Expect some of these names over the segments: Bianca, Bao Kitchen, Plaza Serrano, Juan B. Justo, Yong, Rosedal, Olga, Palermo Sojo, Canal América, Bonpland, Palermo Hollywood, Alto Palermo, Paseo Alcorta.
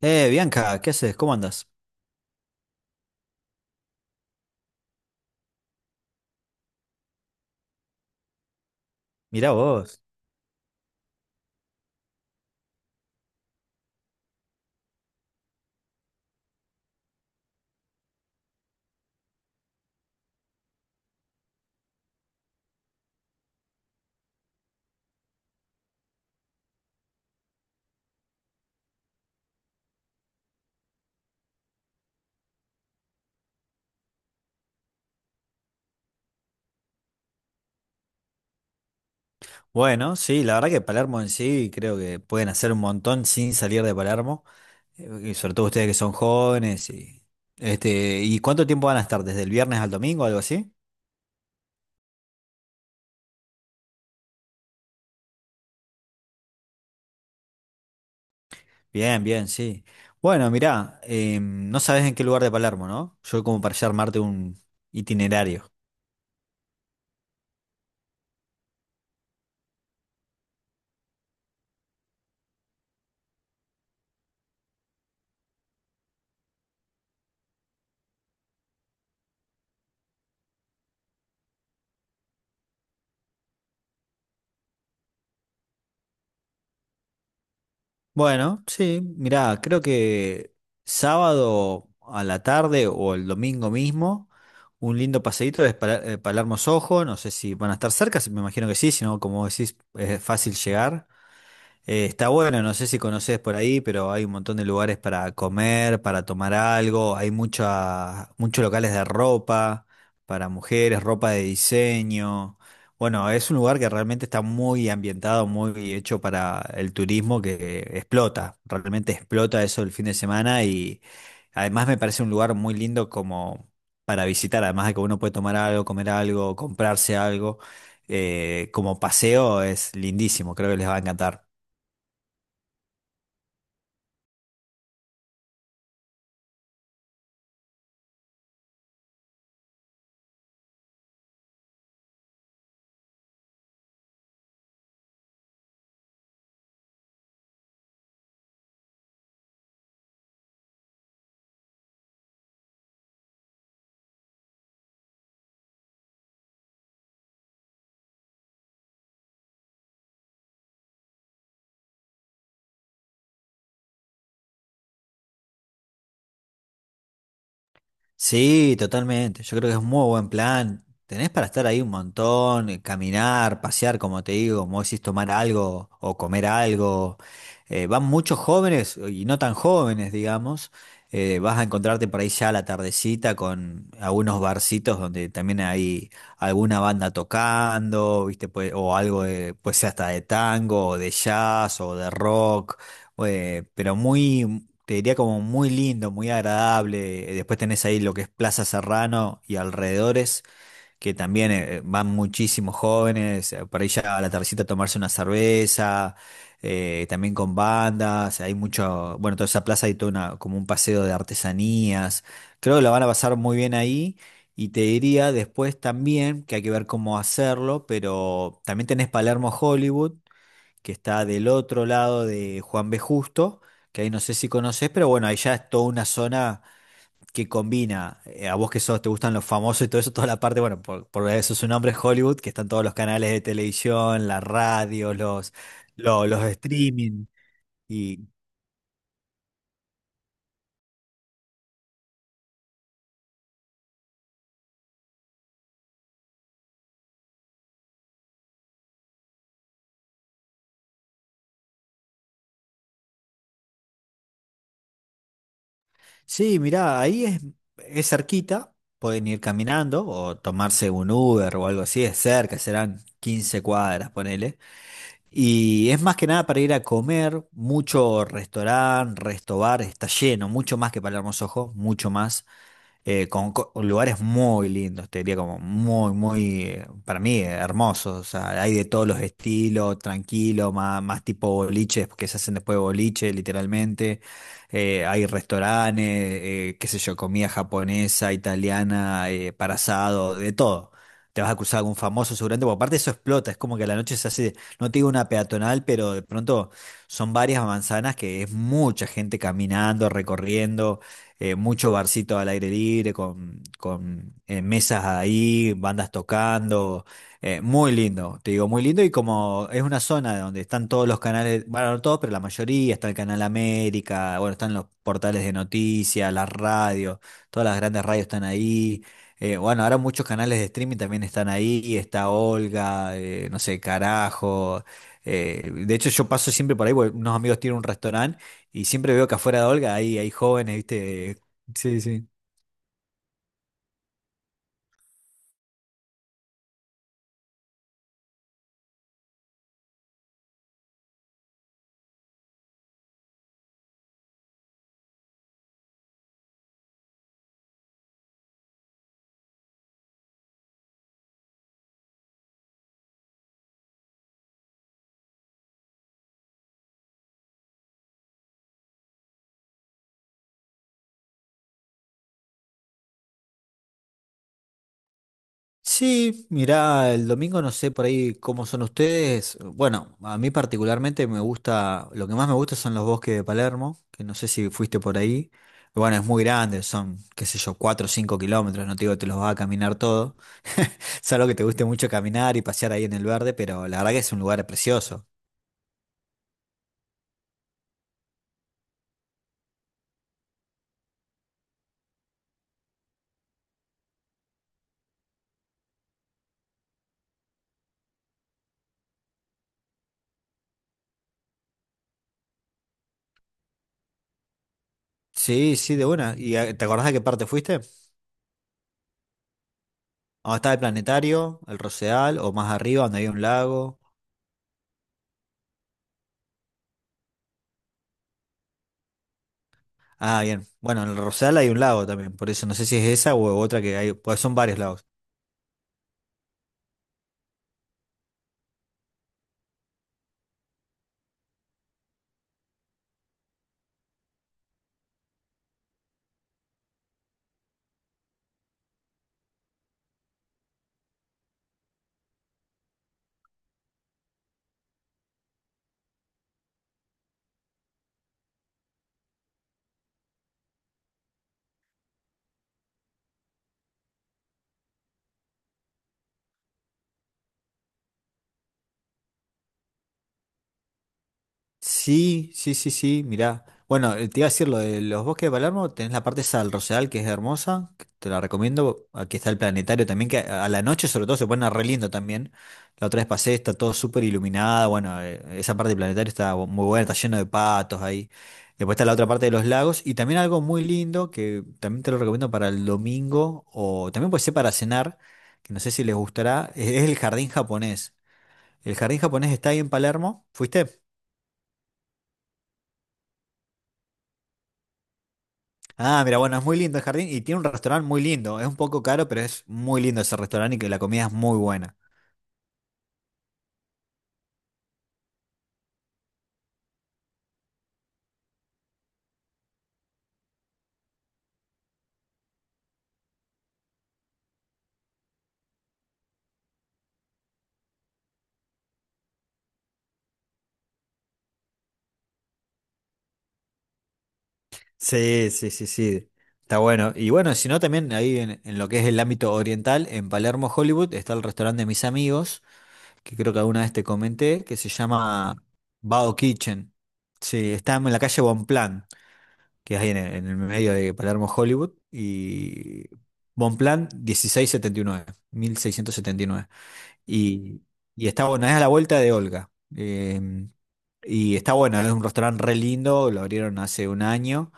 Bianca, ¿qué haces? ¿Cómo andas? Mirá vos. Bueno, sí, la verdad que Palermo en sí creo que pueden hacer un montón sin salir de Palermo, y sobre todo ustedes que son jóvenes ¿y cuánto tiempo van a estar? ¿Desde el viernes al domingo, algo así? Bien, bien, sí. Bueno, mirá, no sabes en qué lugar de Palermo, ¿no? Yo como para ya armarte un itinerario. Bueno, sí, mirá, creo que sábado a la tarde o el domingo mismo, un lindo paseíto es Palermo Sojo, no sé si van a estar cerca, me imagino que sí, si no, como decís, es fácil llegar. Está bueno, no sé si conoces por ahí, pero hay un montón de lugares para comer, para tomar algo, hay muchos locales de ropa para mujeres, ropa de diseño. Bueno, es un lugar que realmente está muy ambientado, muy hecho para el turismo que explota, realmente explota eso el fin de semana y además me parece un lugar muy lindo como para visitar, además de que uno puede tomar algo, comer algo, comprarse algo, como paseo es lindísimo, creo que les va a encantar. Sí, totalmente. Yo creo que es un muy buen plan. Tenés para estar ahí un montón, caminar, pasear, como te digo, como decís, tomar algo o comer algo. Van muchos jóvenes y no tan jóvenes, digamos. Vas a encontrarte por ahí ya a la tardecita con algunos barcitos donde también hay alguna banda tocando, ¿viste? O algo de, pues hasta de tango, o de jazz, o de rock. Pero te diría como muy lindo, muy agradable. Después tenés ahí lo que es Plaza Serrano y alrededores, que también van muchísimos jóvenes, por ahí ya a la tardecita a tomarse una cerveza, también con bandas, hay mucho, bueno, toda esa plaza hay todo una, como un paseo de artesanías. Creo que lo van a pasar muy bien ahí. Y te diría después también que hay que ver cómo hacerlo, pero también tenés Palermo Hollywood que está del otro lado de Juan B. Justo, que ahí no sé si conoces, pero bueno, ahí ya es toda una zona que combina, a vos que sos, te gustan los famosos y todo eso, toda la parte, bueno, por eso su nombre es Hollywood, que están todos los canales de televisión, la radio, los streaming. Y, Sí, mirá, ahí es cerquita, pueden ir caminando o tomarse un Uber o algo así, es cerca, serán 15 cuadras, ponele. Y es más que nada para ir a comer, mucho restaurante, restobar, está lleno, mucho más que Palermo Sojo, mucho más lugares muy lindos, te diría como muy, muy, para mí, hermosos. O sea, hay de todos los estilos, tranquilo, más tipo boliches, que se hacen después de boliche, literalmente. Hay restaurantes, qué sé yo, comida japonesa, italiana, para asado, de todo. Te vas a cruzar algún famoso seguramente, porque aparte eso explota, es como que a la noche se hace, no te digo una peatonal, pero de pronto son varias manzanas que es mucha gente caminando, recorriendo mucho barcito al aire libre, con, mesas ahí, bandas tocando, muy lindo, te digo, muy lindo y como es una zona donde están todos los canales, bueno, no todos, pero la mayoría, está el Canal América, bueno, están los portales de noticias, las radios, todas las grandes radios están ahí. Bueno, ahora muchos canales de streaming también están ahí, y está Olga, no sé, Carajo. De hecho, yo paso siempre por ahí, porque unos amigos tienen un restaurante y siempre veo que afuera de Olga hay jóvenes, ¿viste? Sí, sí. Sí, mirá, el domingo no sé por ahí cómo son ustedes. Bueno, a mí particularmente me gusta, lo que más me gusta son los bosques de Palermo, que no sé si fuiste por ahí. Bueno, es muy grande, son, qué sé yo, cuatro o 5 kilómetros, no te digo que te los vas a caminar todo. Salvo que te guste mucho caminar y pasear ahí en el verde, pero la verdad que es un lugar precioso. Sí, sí, de buena. ¿Y te acordás de qué parte fuiste? ¿Dónde estaba el planetario, el Rosedal o más arriba, donde había un lago? Ah, bien. Bueno, en el Rosal hay un lago también, por eso no sé si es esa o otra que hay, pues son varios lagos. Sí, sí, sí, sí, mirá. Bueno, te iba a decir lo de los bosques de Palermo, tenés la parte sal del Rosedal que es hermosa, que te la recomiendo. Aquí está el planetario también, que a la noche sobre todo se pone re lindo también. La otra vez pasé, está todo súper iluminada, bueno, esa parte del planetario está muy buena, está lleno de patos ahí. Después está la otra parte de los lagos y también algo muy lindo que también te lo recomiendo para el domingo o también puede ser para cenar, que no sé si les gustará, es el jardín japonés. El jardín japonés está ahí en Palermo, ¿fuiste? Ah, mira, bueno, es muy lindo el jardín y tiene un restaurante muy lindo. Es un poco caro, pero es muy lindo ese restaurante y que la comida es muy buena. Sí, sí, sí, sí. Está bueno. Y bueno, si no, también ahí en lo que es el ámbito oriental, en Palermo, Hollywood, está el restaurante de mis amigos, que creo que alguna vez te comenté, que se llama Bao Kitchen. Sí, está en la calle Bonpland, que es ahí en el medio de Palermo, Hollywood. Y Bonpland 16 70 79 1679. Y, y está bueno, es a la vuelta de Olga. Y está bueno, es un restaurante re lindo, lo abrieron hace un año.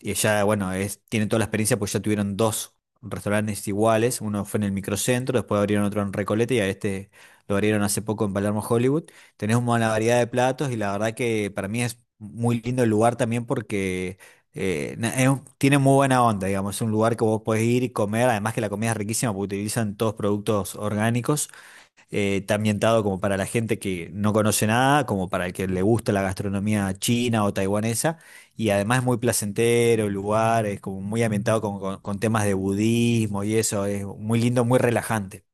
Y ya, bueno, tienen toda la experiencia porque ya tuvieron dos restaurantes iguales. Uno fue en el microcentro, después abrieron otro en Recoleta y a este lo abrieron hace poco en Palermo, Hollywood. Tenés una buena variedad de platos y la verdad que para mí es muy lindo el lugar también porque tiene muy buena onda, digamos. Es un lugar que vos podés ir y comer, además que la comida es riquísima porque utilizan todos productos orgánicos. Está ambientado como para la gente que no conoce nada, como para el que le gusta la gastronomía china o taiwanesa. Y además es muy placentero el lugar, es como muy ambientado con, con temas de budismo y eso. Es muy lindo, muy relajante.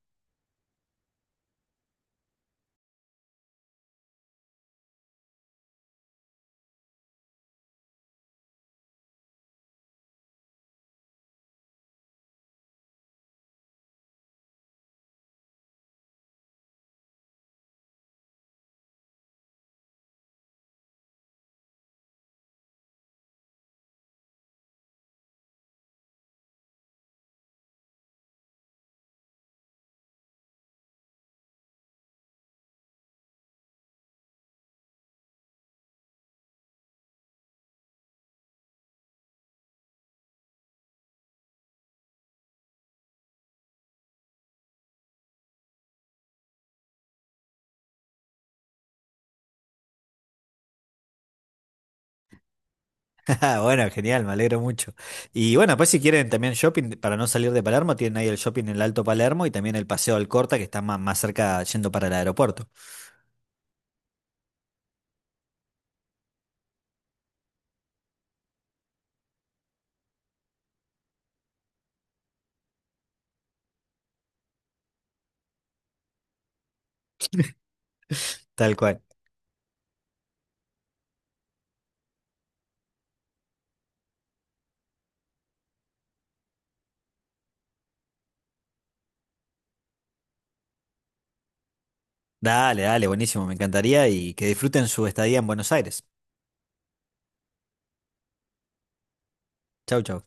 Ah, bueno, genial, me alegro mucho. Y bueno, pues si quieren también shopping, para no salir de Palermo, tienen ahí el shopping en el Alto Palermo y también el Paseo Alcorta, que está más cerca yendo para el aeropuerto. Tal cual. Dale, dale, buenísimo, me encantaría y que disfruten su estadía en Buenos Aires. Chau, chau.